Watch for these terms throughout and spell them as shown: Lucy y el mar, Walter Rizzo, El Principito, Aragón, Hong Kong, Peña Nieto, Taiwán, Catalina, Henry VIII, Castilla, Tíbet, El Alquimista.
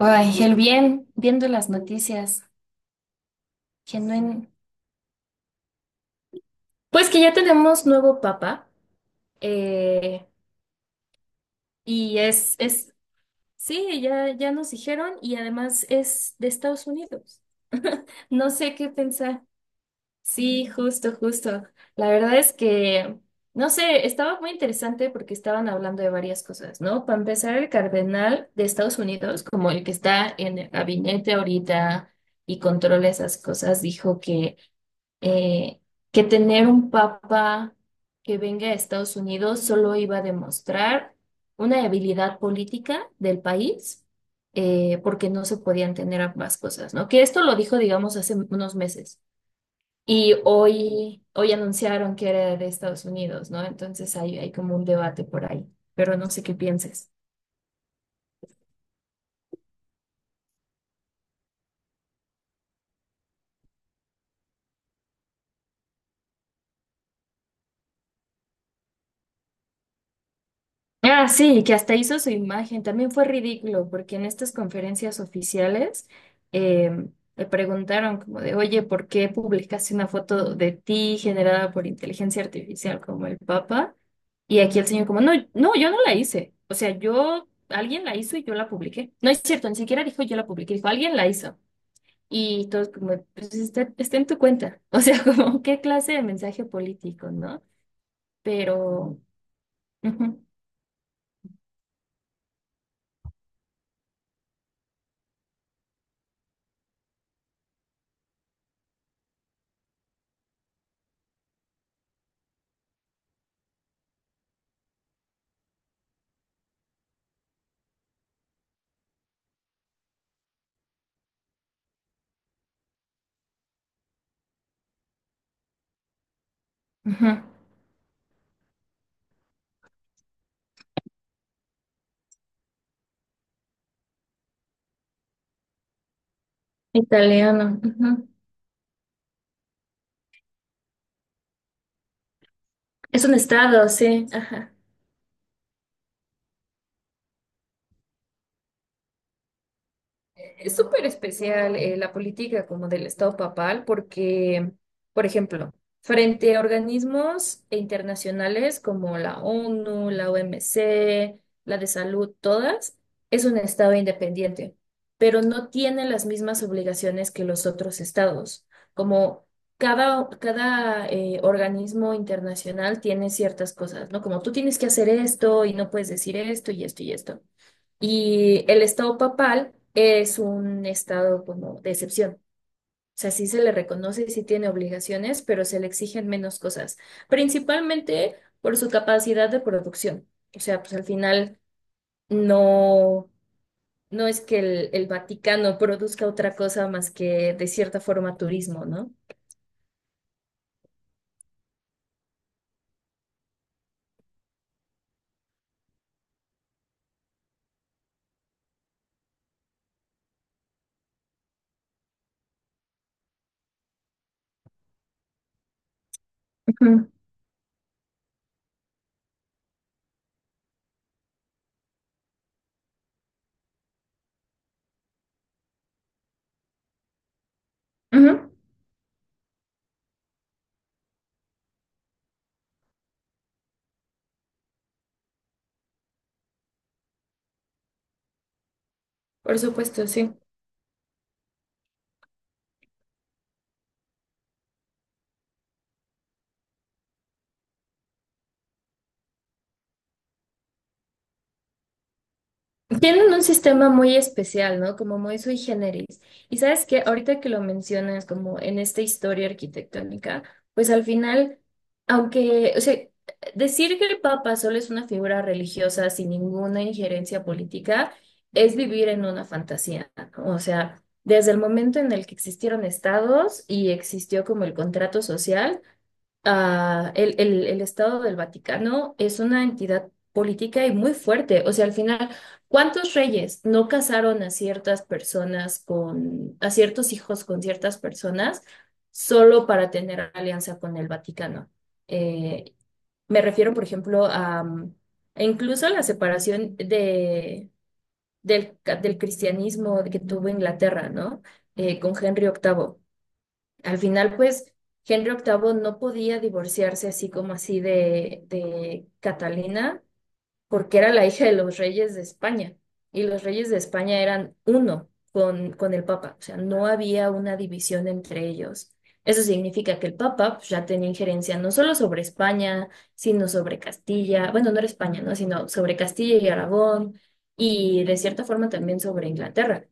Ay, el bien, viendo las noticias. Que no en- Pues que ya tenemos nuevo papa. eh, y es, es, sí, ya nos dijeron, y además es de Estados Unidos. No sé qué pensar. Sí, justo, justo. La verdad es que, no sé, estaba muy interesante porque estaban hablando de varias cosas, ¿no? Para empezar, el cardenal de Estados Unidos, como el que está en el gabinete ahorita y controla esas cosas, dijo que eh, que tener un papa que venga a Estados Unidos solo iba a demostrar una habilidad política del país, porque no se podían tener ambas cosas, ¿no? Que esto lo dijo, digamos, hace unos meses. Y hoy anunciaron que era de Estados Unidos, ¿no? Entonces hay como un debate por ahí, pero no sé qué pienses. Ah, sí, que hasta hizo su imagen. También fue ridículo, porque en estas conferencias oficiales eh, le preguntaron como de, oye, ¿por qué publicaste una foto de ti generada por inteligencia artificial como el Papa? Y aquí el señor como, no, no, yo no la hice. O sea, yo, alguien la hizo y yo la publiqué. No es cierto, ni siquiera dijo yo la publiqué, dijo, alguien la hizo. Y todos como, pues está en tu cuenta. O sea, como, ¿qué clase de mensaje político, no? Pero. Ujú, ujú. Italiano. Ujú. Es un estado, sí. Ajá. Es súper especial la política como del Estado papal porque, por ejemplo, frente a organismos internacionales como la ONU, la OMC, la de salud, todas, es un Estado independiente, pero no tiene las mismas obligaciones que los otros estados. Como cada organismo internacional tiene ciertas cosas, ¿no? Como tú tienes que hacer esto y no puedes decir esto y esto y esto. Y el estado papal es un estado como de excepción. O sea, sí se le reconoce, y sí tiene obligaciones, pero se le exigen menos cosas, principalmente por su capacidad de producción. O sea, pues al final no, no es que el Vaticano produzca otra cosa más que de cierta forma turismo, ¿no? Ujú, ujú. Por supuesto, sí. Tienen un sistema muy especial, ¿no? Como muy sui generis. Y sabes que ahorita que lo mencionas, como en esta historia arquitectónica, pues al final, aunque, o sea, decir que el Papa solo es una figura religiosa sin ninguna injerencia política es vivir en una fantasía, ¿no? O sea, desde el momento en el que existieron estados y existió como el contrato social, ah, el Estado del Vaticano es una entidad política y muy fuerte. O sea, al final, ¿cuántos reyes no casaron a ciertas personas con, a ciertos hijos con ciertas personas solo para tener alianza con el Vaticano? Eh, me refiero, por ejemplo, a e incluso a la separación del cristianismo que tuvo Inglaterra, ¿no? Con Henry VIII. Al final, pues, Henry VIII no podía divorciarse así como así de, Catalina, porque era la hija de los reyes de España, y los reyes de España eran uno con el Papa, o sea, no había una división entre ellos. Eso significa que el Papa pues, ya tenía injerencia no solo sobre España, sino sobre Castilla, bueno, no era España, ¿no? Sino sobre Castilla y Aragón, y de cierta forma también sobre Inglaterra.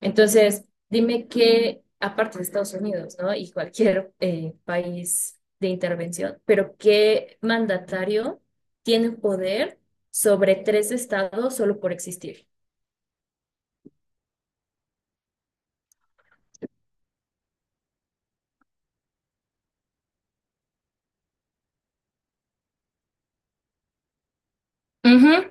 Entonces, dime qué, aparte de Estados Unidos, ¿no? Y cualquier país de intervención, pero qué mandatario tiene poder sobre tres estados solo por existir. Ujú.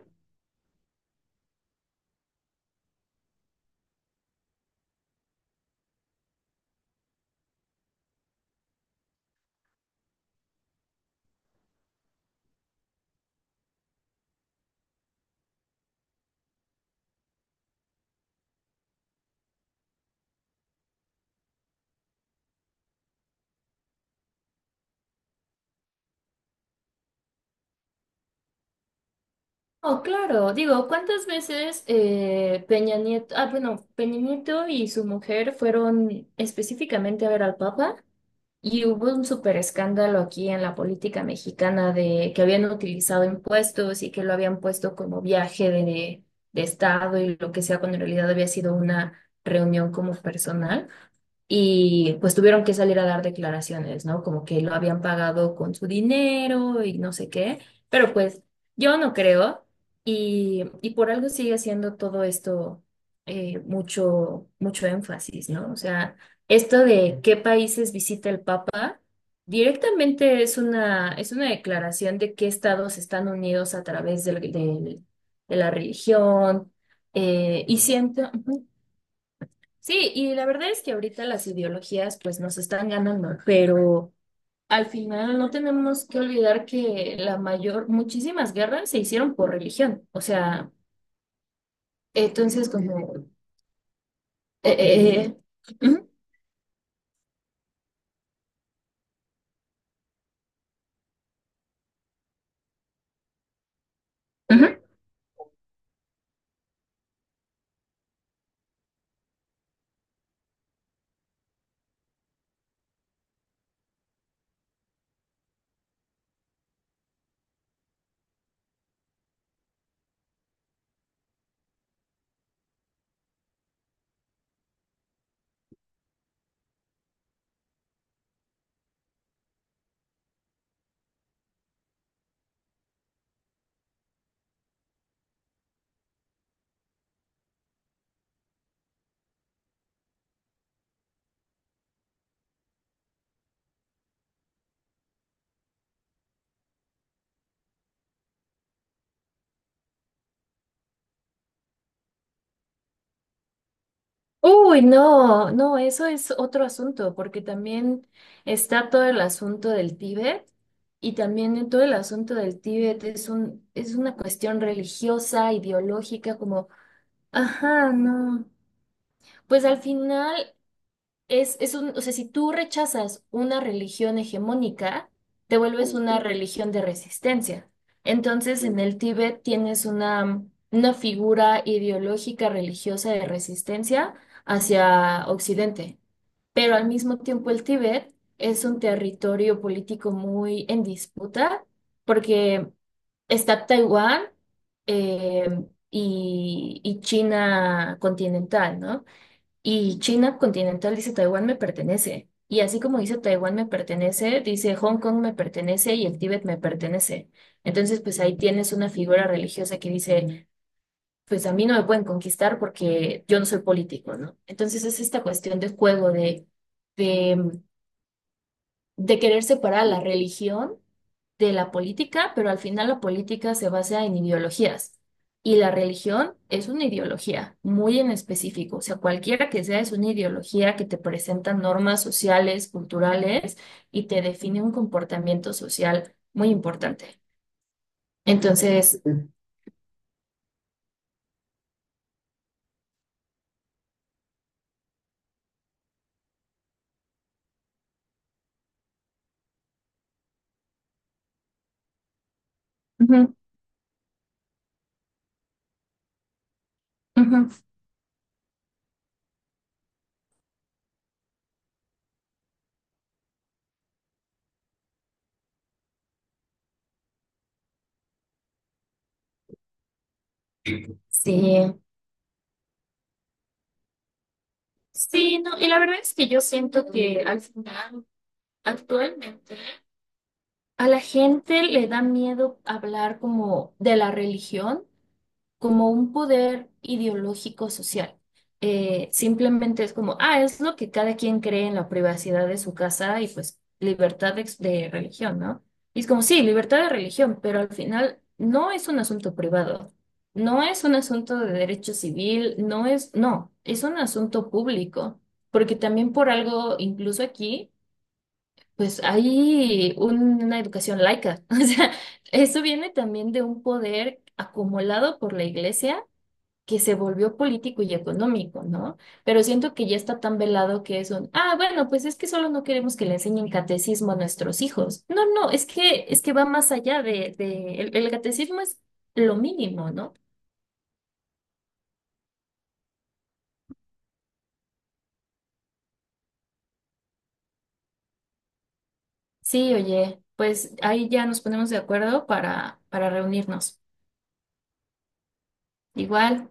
Oh, claro, digo, ¿cuántas veces Peña Nieto, ah, bueno, Peña Nieto y su mujer fueron específicamente a ver al Papa? Y hubo un súper escándalo aquí en la política mexicana de que habían utilizado impuestos y que lo habían puesto como viaje de, estado y lo que sea, cuando en realidad había sido una reunión como personal. Y pues tuvieron que salir a dar declaraciones, ¿no? Como que lo habían pagado con su dinero y no sé qué. Pero pues yo no creo. Y por algo sigue siendo todo esto mucho, mucho énfasis, ¿no? O sea, esto de qué países visita el Papa, directamente es una declaración de qué estados están unidos a través de la religión. Y siento, ujú. Sí, y la verdad es que ahorita las ideologías pues nos están ganando, pero al final no tenemos que olvidar que muchísimas guerras se hicieron por religión. O sea, entonces como. eh, eh, Ujú, ujú. Uy, no, no, eso es otro asunto, porque también está todo el asunto del Tíbet y también en todo el asunto del Tíbet es una cuestión religiosa, ideológica, como, ajá, no. Pues al final o sea, si tú rechazas una religión hegemónica, te vuelves una religión de resistencia. Entonces, en el Tíbet tienes una figura ideológica religiosa de resistencia hacia Occidente, pero al mismo tiempo el Tíbet es un territorio político muy en disputa porque está Taiwán eh, y China continental, ¿no? Y China continental dice Taiwán me pertenece. Y así como dice Taiwán me pertenece, dice Hong Kong me pertenece y el Tíbet me pertenece. Entonces, pues ahí tienes una figura religiosa que dice, pues a mí no me pueden conquistar porque yo no soy político, ¿no? Entonces es esta cuestión de juego, de de querer separar la religión de la política, pero al final la política se basa en ideologías y la religión es una ideología muy en específico, o sea, cualquiera que sea es una ideología que te presenta normas sociales, culturales y te define un comportamiento social muy importante. Entonces, ujú, ujú, sí, sí, no, y la verdad es que yo siento que al final, actualmente, a la gente le da miedo hablar como de la religión, como un poder ideológico social. Simplemente es como, ah, es lo que cada quien cree en la privacidad de su casa y pues libertad de, de religión, ¿no? Y es como, sí, libertad de religión, pero al final no es un asunto privado, no es un asunto de derecho civil, no es, no, es un asunto público, porque también por algo, incluso aquí. Pues hay una educación laica. O sea, eso viene también de un poder acumulado por la iglesia que se volvió político y económico, ¿no? Pero siento que ya está tan velado que es un, ah, bueno, pues es que solo no queremos que le enseñen catecismo a nuestros hijos. No, no, es que, va más allá. El catecismo es lo mínimo, ¿no? Sí, oye, pues ahí ya nos ponemos de acuerdo para reunirnos. Igual.